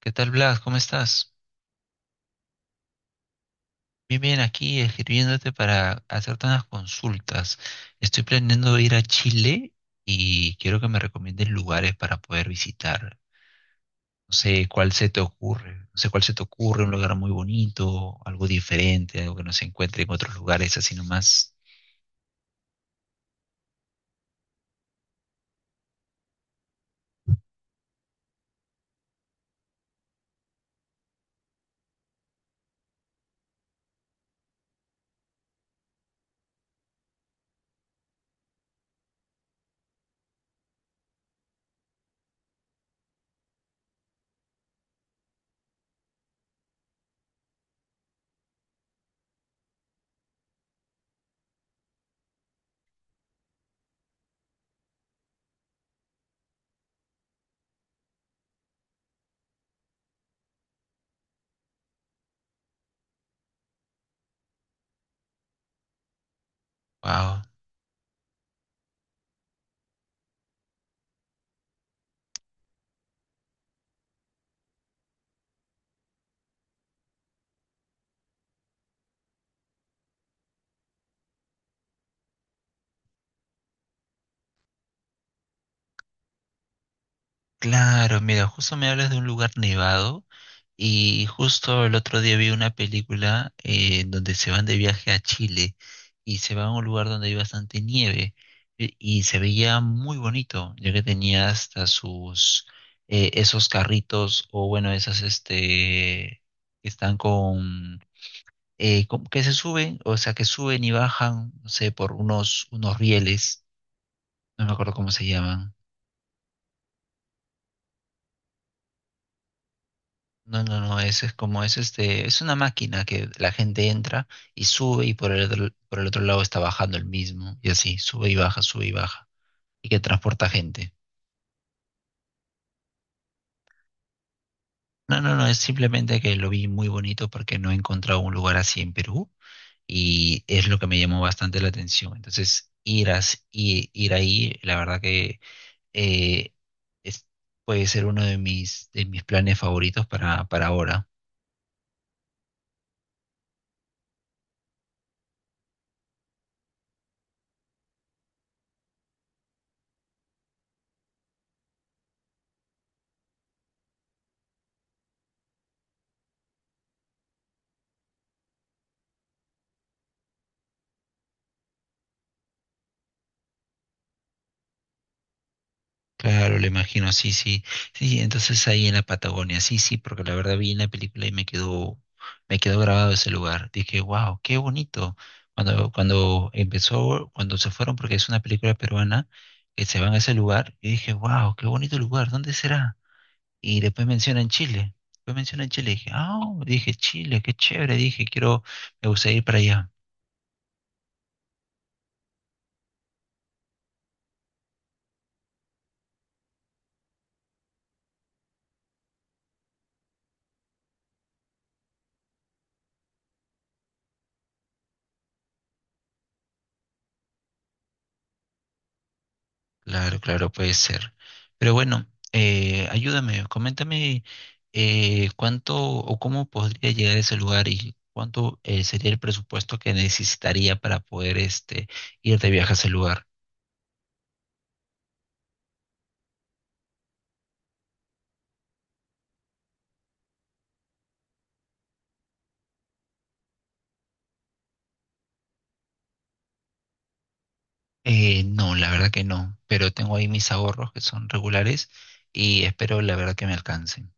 ¿Qué tal, Blas? ¿Cómo estás? Bien, bien, aquí escribiéndote para hacerte unas consultas. Estoy planeando ir a Chile y quiero que me recomiendes lugares para poder visitar. No sé cuál se te ocurre, no sé cuál se te ocurre, un lugar muy bonito, algo diferente, algo que no se encuentre en otros lugares así nomás. Wow. Claro, mira, justo me hablas de un lugar nevado y justo el otro día vi una película donde se van de viaje a Chile y se van a un lugar donde hay bastante nieve y se veía muy bonito, ya que tenía hasta sus esos carritos o bueno, esas este que están con que se suben, o sea, que suben y bajan, no sé, por unos rieles, no me acuerdo cómo se llaman. No, no, no, es como es este, es una máquina que la gente entra y sube y por el otro lado está bajando el mismo y así, sube y baja y que transporta gente. No, no, no, es simplemente que lo vi muy bonito porque no he encontrado un lugar así en Perú y es lo que me llamó bastante la atención. Entonces, ir, ir ahí, la verdad que eh, es- puede ser uno de mis planes favoritos para ahora. Claro, le imagino, sí, sí, sí, sí, entonces ahí en la Patagonia, sí, sí, porque la verdad vi en la película y me quedó grabado ese lugar. Dije, wow, qué bonito. Cuando, cuando empezó, cuando se fueron, porque es una película peruana, que se van a ese lugar, y dije, wow, qué bonito lugar, ¿dónde será? Y después mencionan Chile, dije, ah, dije, Chile, qué chévere, dije, quiero, me gusta ir para allá. Claro, claro, puede ser. Pero bueno, ayúdame, coméntame cuánto o cómo podría llegar a ese lugar y cuánto sería el presupuesto que necesitaría para poder este, ir de viaje a ese lugar. No, la verdad que no, pero tengo ahí mis ahorros que son regulares y espero la verdad que me alcancen.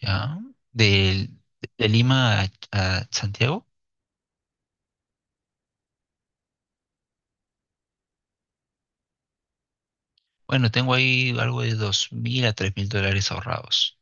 ¿Ya? Del- De, Lima a Santiago, bueno, tengo ahí algo de dos mil a tres mil dólares ahorrados.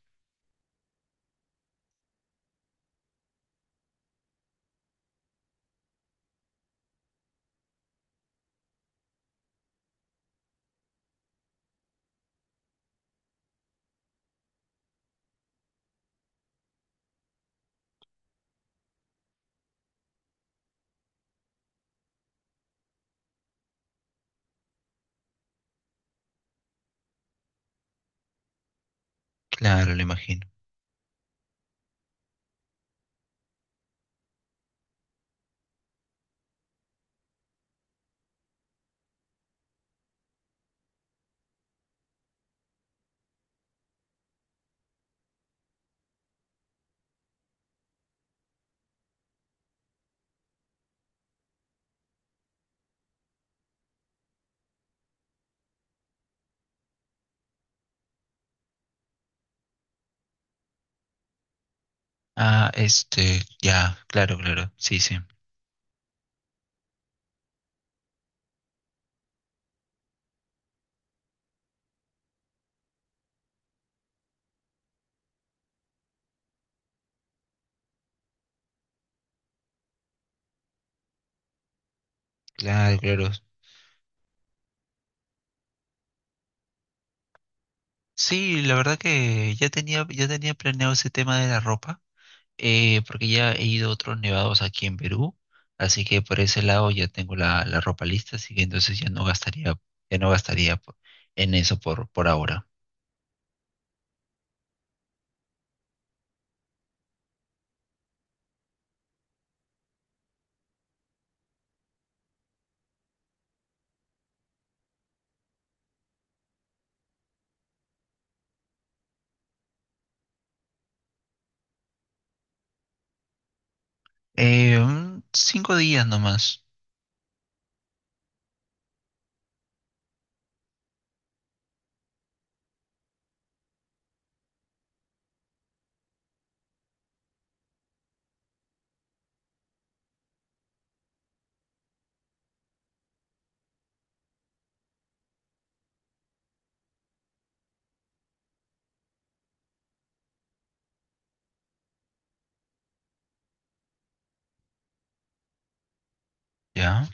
Claro, lo imagino. Ah, este, ya, claro, claro, sí, sí, claro, claro. Sí, la verdad que ya tenía planeado ese tema de la ropa, porque ya he ido a otros nevados aquí en Perú, así que por ese lado ya tengo la, la ropa lista, así que entonces ya no gastaría, ya no gastaría po- en eso por ahora. Un cinco días nomás, ya,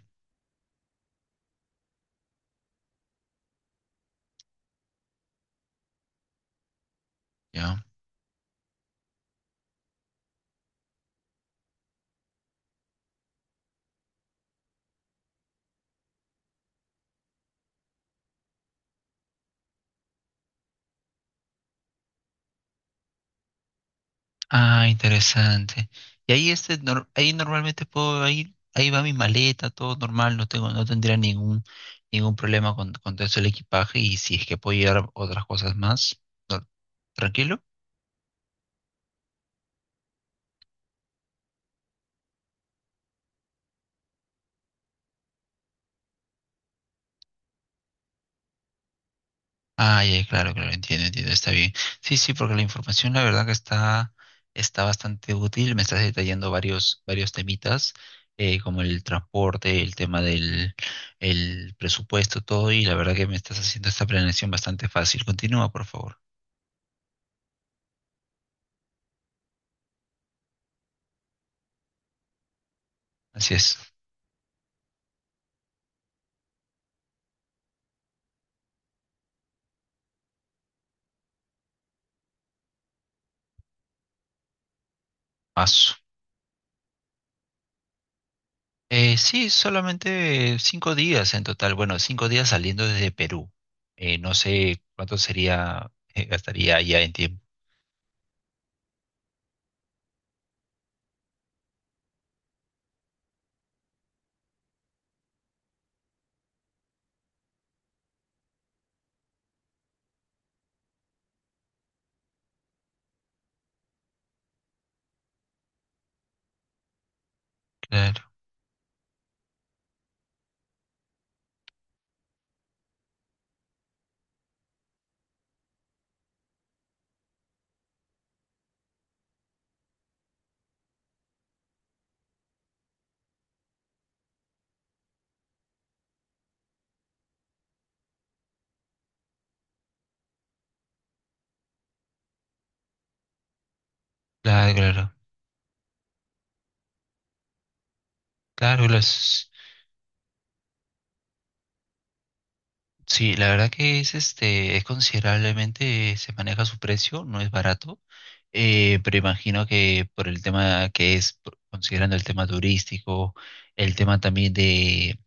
ya. Ah, interesante. Y ahí este, ahí normalmente puedo ir, ahí va mi maleta, todo normal, no tengo, no tendría ningún, ningún problema con todo eso el equipaje y si es que puedo llevar otras cosas más, no- tranquilo. Ah, ya, claro, claro, entiendo, entiendo, está bien. Sí, sí, porque la información la verdad que está, está bastante útil, me estás detallando varios, varios temitas, como el transporte, el tema del el presupuesto, todo, y la verdad que me estás haciendo esta planeación bastante fácil. Continúa, por favor. Así es. Paso. Sí, solamente cinco días en total. Bueno, cinco días saliendo desde Perú. No sé cuánto sería, gastaría allá en tiempo. Claro, claro, claro. Claro, las- sí, la verdad que es este, es considerablemente, se maneja su precio, no es barato. Pero imagino que por el tema que es, por- considerando el tema turístico, el tema también de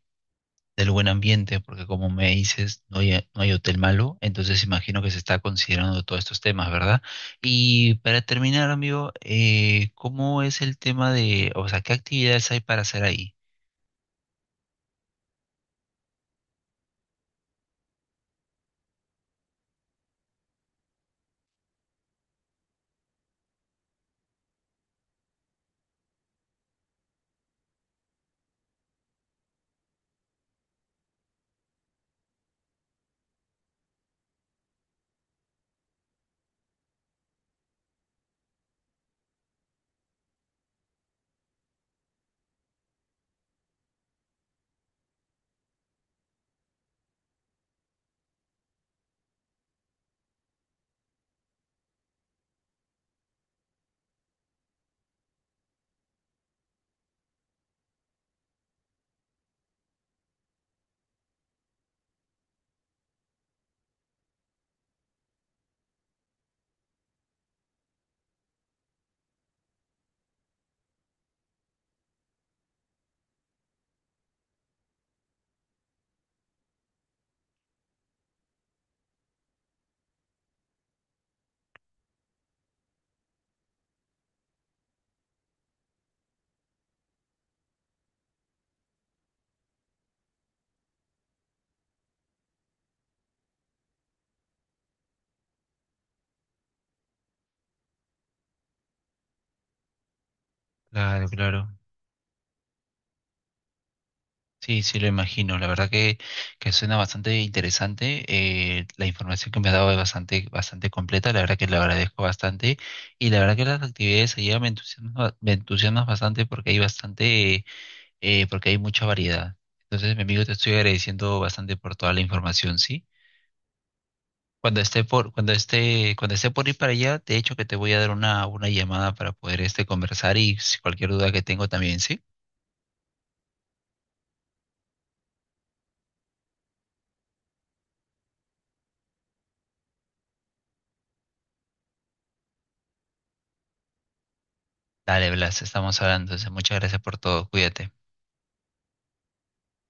del buen ambiente, porque como me dices, no hay, no hay hotel malo, entonces imagino que se está considerando todos estos temas, ¿verdad? Y para terminar, amigo, ¿cómo es el tema de, o sea, qué actividades hay para hacer ahí? Claro, claro. Sí, sí, lo imagino. La verdad que suena bastante interesante. La información que me has dado es bastante, bastante completa. La verdad que le agradezco bastante. Y la verdad que las actividades allá me entusiasman bastante porque hay mucha variedad. Entonces, mi amigo, te estoy agradeciendo bastante por toda la información, ¿sí? Cuando esté por ir para allá, de hecho que te voy a dar una llamada para poder este conversar y si cualquier duda que tengo también, ¿sí? Dale, Blas, estamos hablando. Entonces, muchas gracias por todo. Cuídate.